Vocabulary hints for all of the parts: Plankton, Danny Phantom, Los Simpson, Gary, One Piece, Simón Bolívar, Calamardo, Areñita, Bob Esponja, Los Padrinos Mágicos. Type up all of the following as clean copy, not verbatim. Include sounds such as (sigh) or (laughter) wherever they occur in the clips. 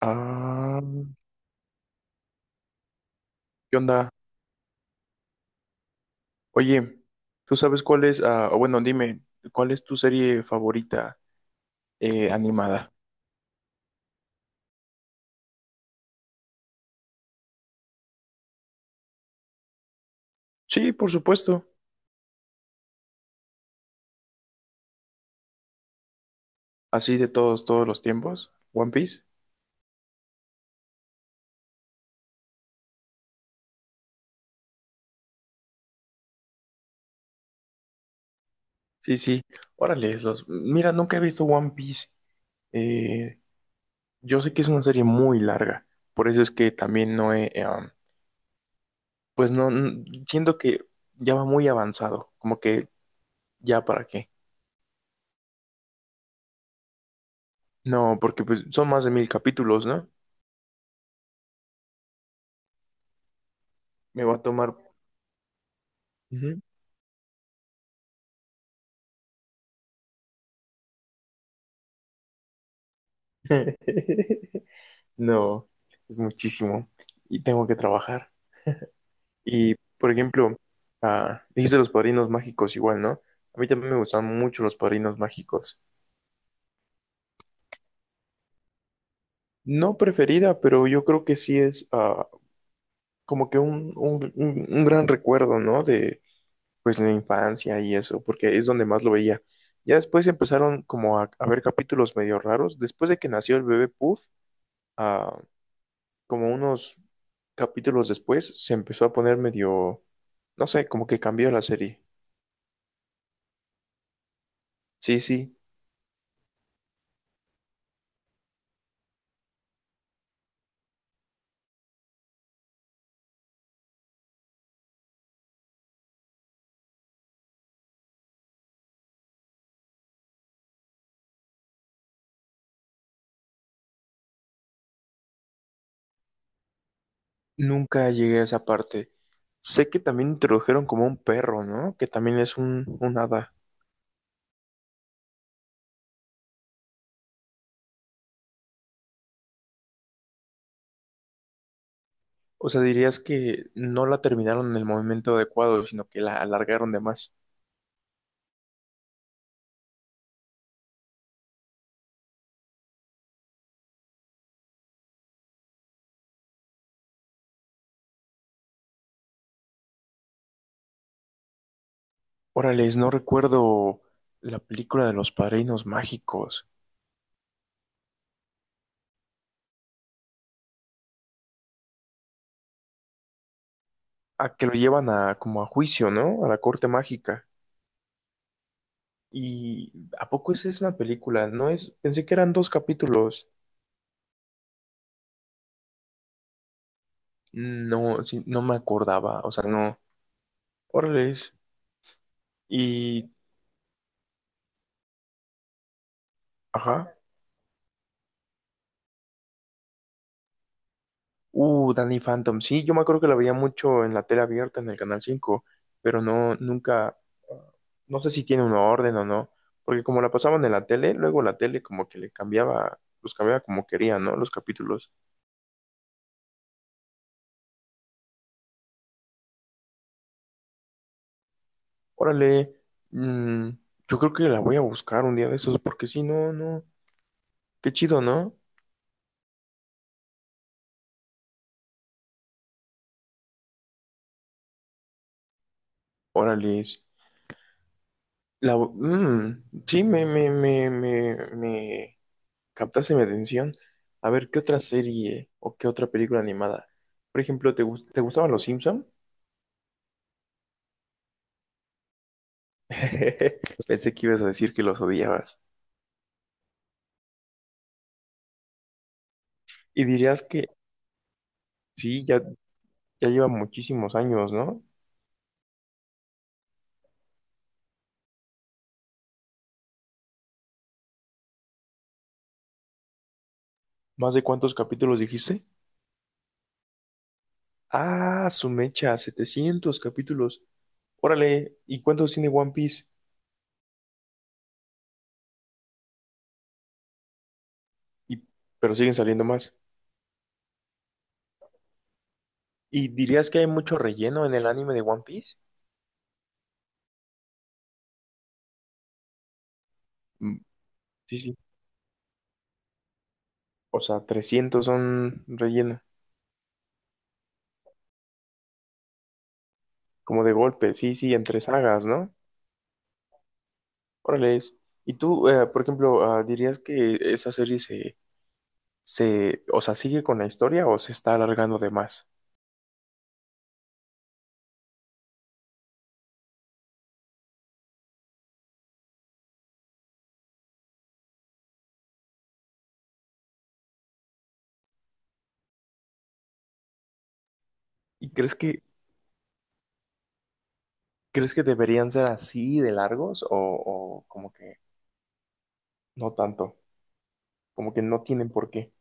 Ah, ¿qué onda? Oye, ¿tú sabes cuál es, o bueno, dime, ¿cuál es tu serie favorita animada? Sí, por supuesto. Así de todos los tiempos. One Piece. Sí, sí. Órale, los. Mira, nunca he visto One Piece. Eh, yo sé que es una serie muy larga. Por eso es que también no he, pues no, siento que ya va muy avanzado. Como que ya para qué. No, porque pues son más de mil capítulos, ¿no? Me va a tomar. Ujú. (laughs) No, es muchísimo y tengo que trabajar. Y, por ejemplo, dijiste los padrinos mágicos igual, ¿no? A mí también me gustan mucho los padrinos mágicos. No preferida, pero yo creo que sí es, como que un gran recuerdo, ¿no? De pues la infancia y eso, porque es donde más lo veía. Ya después empezaron como a ver capítulos medio raros. Después de que nació el bebé Puff, ah, como unos capítulos después, se empezó a poner medio, no sé, como que cambió la serie. Sí, sí, nunca llegué a esa parte. Sé que también introdujeron como un perro, ¿no? Que también es un hada. O sea, dirías que no la terminaron en el momento adecuado, sino que la alargaron de más. Órales, no recuerdo la película de los padrinos mágicos. A que lo llevan a, como, a juicio, ¿no? A la corte mágica. ¿Y a poco esa es una película? No es, pensé que eran dos capítulos. No, sí, no me acordaba, o sea, no. Órale. Y, ajá. Danny Phantom. Sí, yo me acuerdo que la veía mucho en la tele abierta, en el Canal cinco, pero no, nunca, ah, no sé si tiene una orden o no, porque como la pasaban en la tele, luego la tele como que le cambiaba, los cambiaba como quería, ¿no? Los capítulos. Órale. mm, yo creo que la voy a buscar un día de esos, porque si no, no. Qué chido, ¿no? Órale. Sí, me captaste mi atención. A ver, ¿qué otra serie o qué otra película animada? Por ejemplo, te gustaban los Simpson? (laughs) Pensé que ibas a decir que los odiabas. Y dirías que sí, ya lleva muchísimos años, ¿no? ¿Más de cuántos capítulos dijiste? Ah, su mecha, 700 capítulos. Órale, ¿y cuántos tiene One Piece? Y, pero siguen saliendo más. ¿Y dirías que hay mucho relleno en el anime de One Piece? Mm, sí, sí. O sea, 300 son relleno. Como de golpe, sí, sí, entre sagas, ¿no? Órale. Y tú, por ejemplo, ¿dirías que esa serie o sea, sigue con la historia o se está alargando de más? ¿Y crees que deberían ser así de largos, o como que no tanto? Como que no tienen por qué.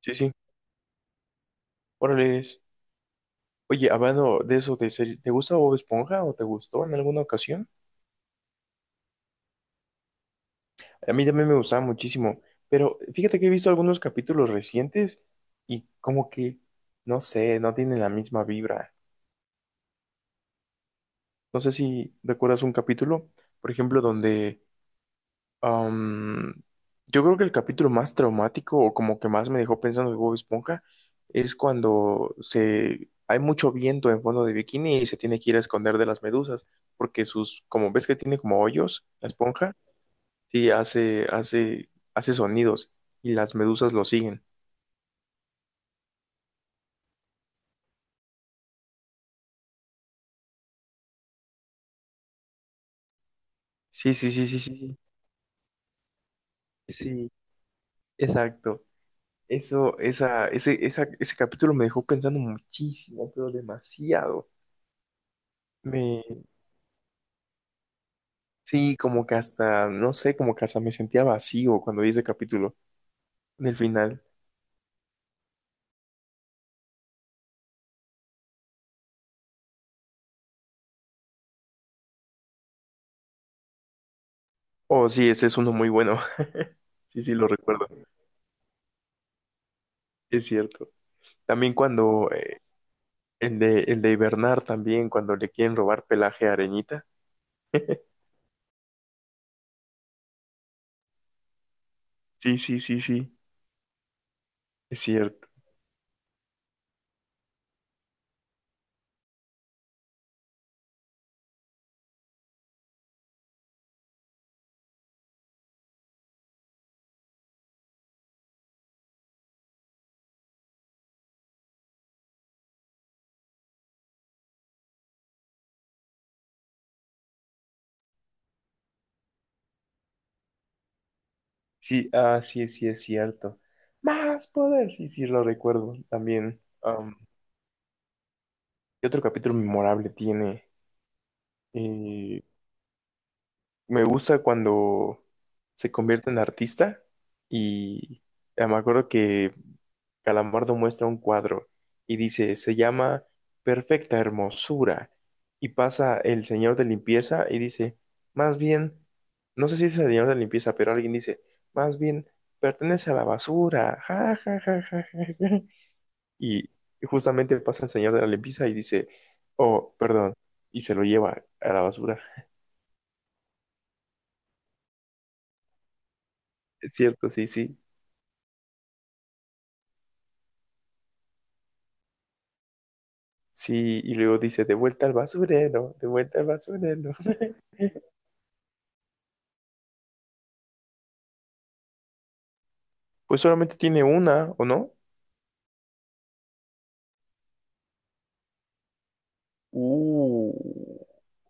Sí, sí. Órale. Oye, hablando de eso de series, ¿te gusta Bob Esponja o te gustó en alguna ocasión? A mí también me gustaba muchísimo, pero fíjate que he visto algunos capítulos recientes y como que, no sé, no tienen la misma vibra. No sé si recuerdas un capítulo, por ejemplo, donde, am, yo creo que el capítulo más traumático o como que más me dejó pensando de Bob Esponja es cuando se hay mucho viento en fondo de bikini y se tiene que ir a esconder de las medusas porque sus, como ves que tiene como hoyos la esponja, sí hace sonidos y las medusas lo siguen. Sí, sí, sí, sí, sí, sí, sí, exacto. Eso, esa, ese capítulo me dejó pensando muchísimo, pero demasiado. Me, sí, como que hasta, no sé, como que hasta me sentía vacío cuando vi ese capítulo en el final. Oh, sí, ese es uno muy bueno. (laughs) Sí, sí, lo recuerdo. Es cierto. También cuando, el de, hibernar también, cuando le quieren robar pelaje a Areñita. (laughs) Sí, sí, sí, sí, es cierto. Sí, sí, sí, es cierto. Más poder, sí, sí, lo recuerdo también. ¿Qué otro capítulo memorable tiene? eh, Me gusta cuando se convierte en artista y, me acuerdo que Calamardo muestra un cuadro y dice, se llama Perfecta Hermosura. Y pasa el señor de limpieza y dice, más bien, no sé si es el señor de limpieza, pero alguien dice, más bien, pertenece a la basura. Ja, ja, ja, ja, ja, ja. Y justamente pasa el señor de la limpieza y dice, oh, perdón, y se lo lleva a la basura. (laughs) Es cierto, sí, sí. Sí, y luego dice, de vuelta al basurero, de vuelta al basurero. (laughs) Pues solamente tiene una, ¿o no? Uh,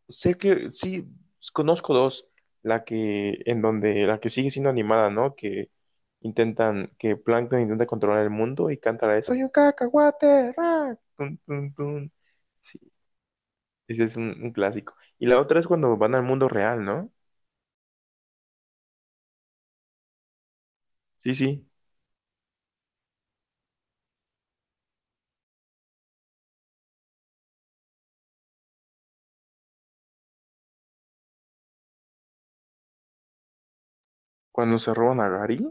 Sé que sí, conozco dos. La que, en donde, la que sigue siendo animada, ¿no? Que intentan, que Plankton intenta controlar el mundo y canta la de Soy un cacahuate, ra, tun, tun, tun. Sí, ese es un clásico. Y la otra es cuando van al mundo real, ¿no? Sí, sí. Cuando se roban a Gary.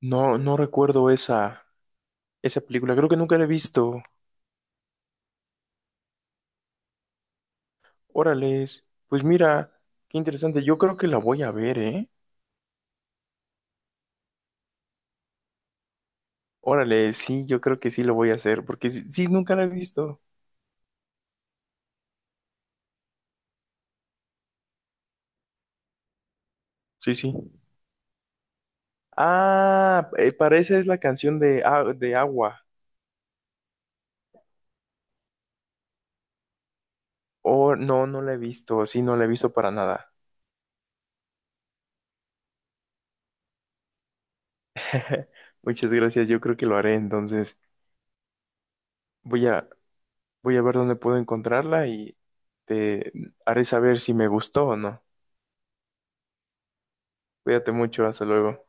No, no recuerdo esa película. Creo que nunca la he visto. Órales, pues mira, qué interesante. Yo creo que la voy a ver, ¿eh? Órale, sí, yo creo que sí lo voy a hacer, porque sí, sí, nunca la he visto. Sí, sí. Ah, para esa es la canción de, de Agua. Oh, no, no la he visto, sí, no la he visto para nada. (laughs) Muchas gracias, yo creo que lo haré, entonces voy a, voy a ver dónde puedo encontrarla y te haré saber si me gustó o no. Cuídate mucho, hasta luego.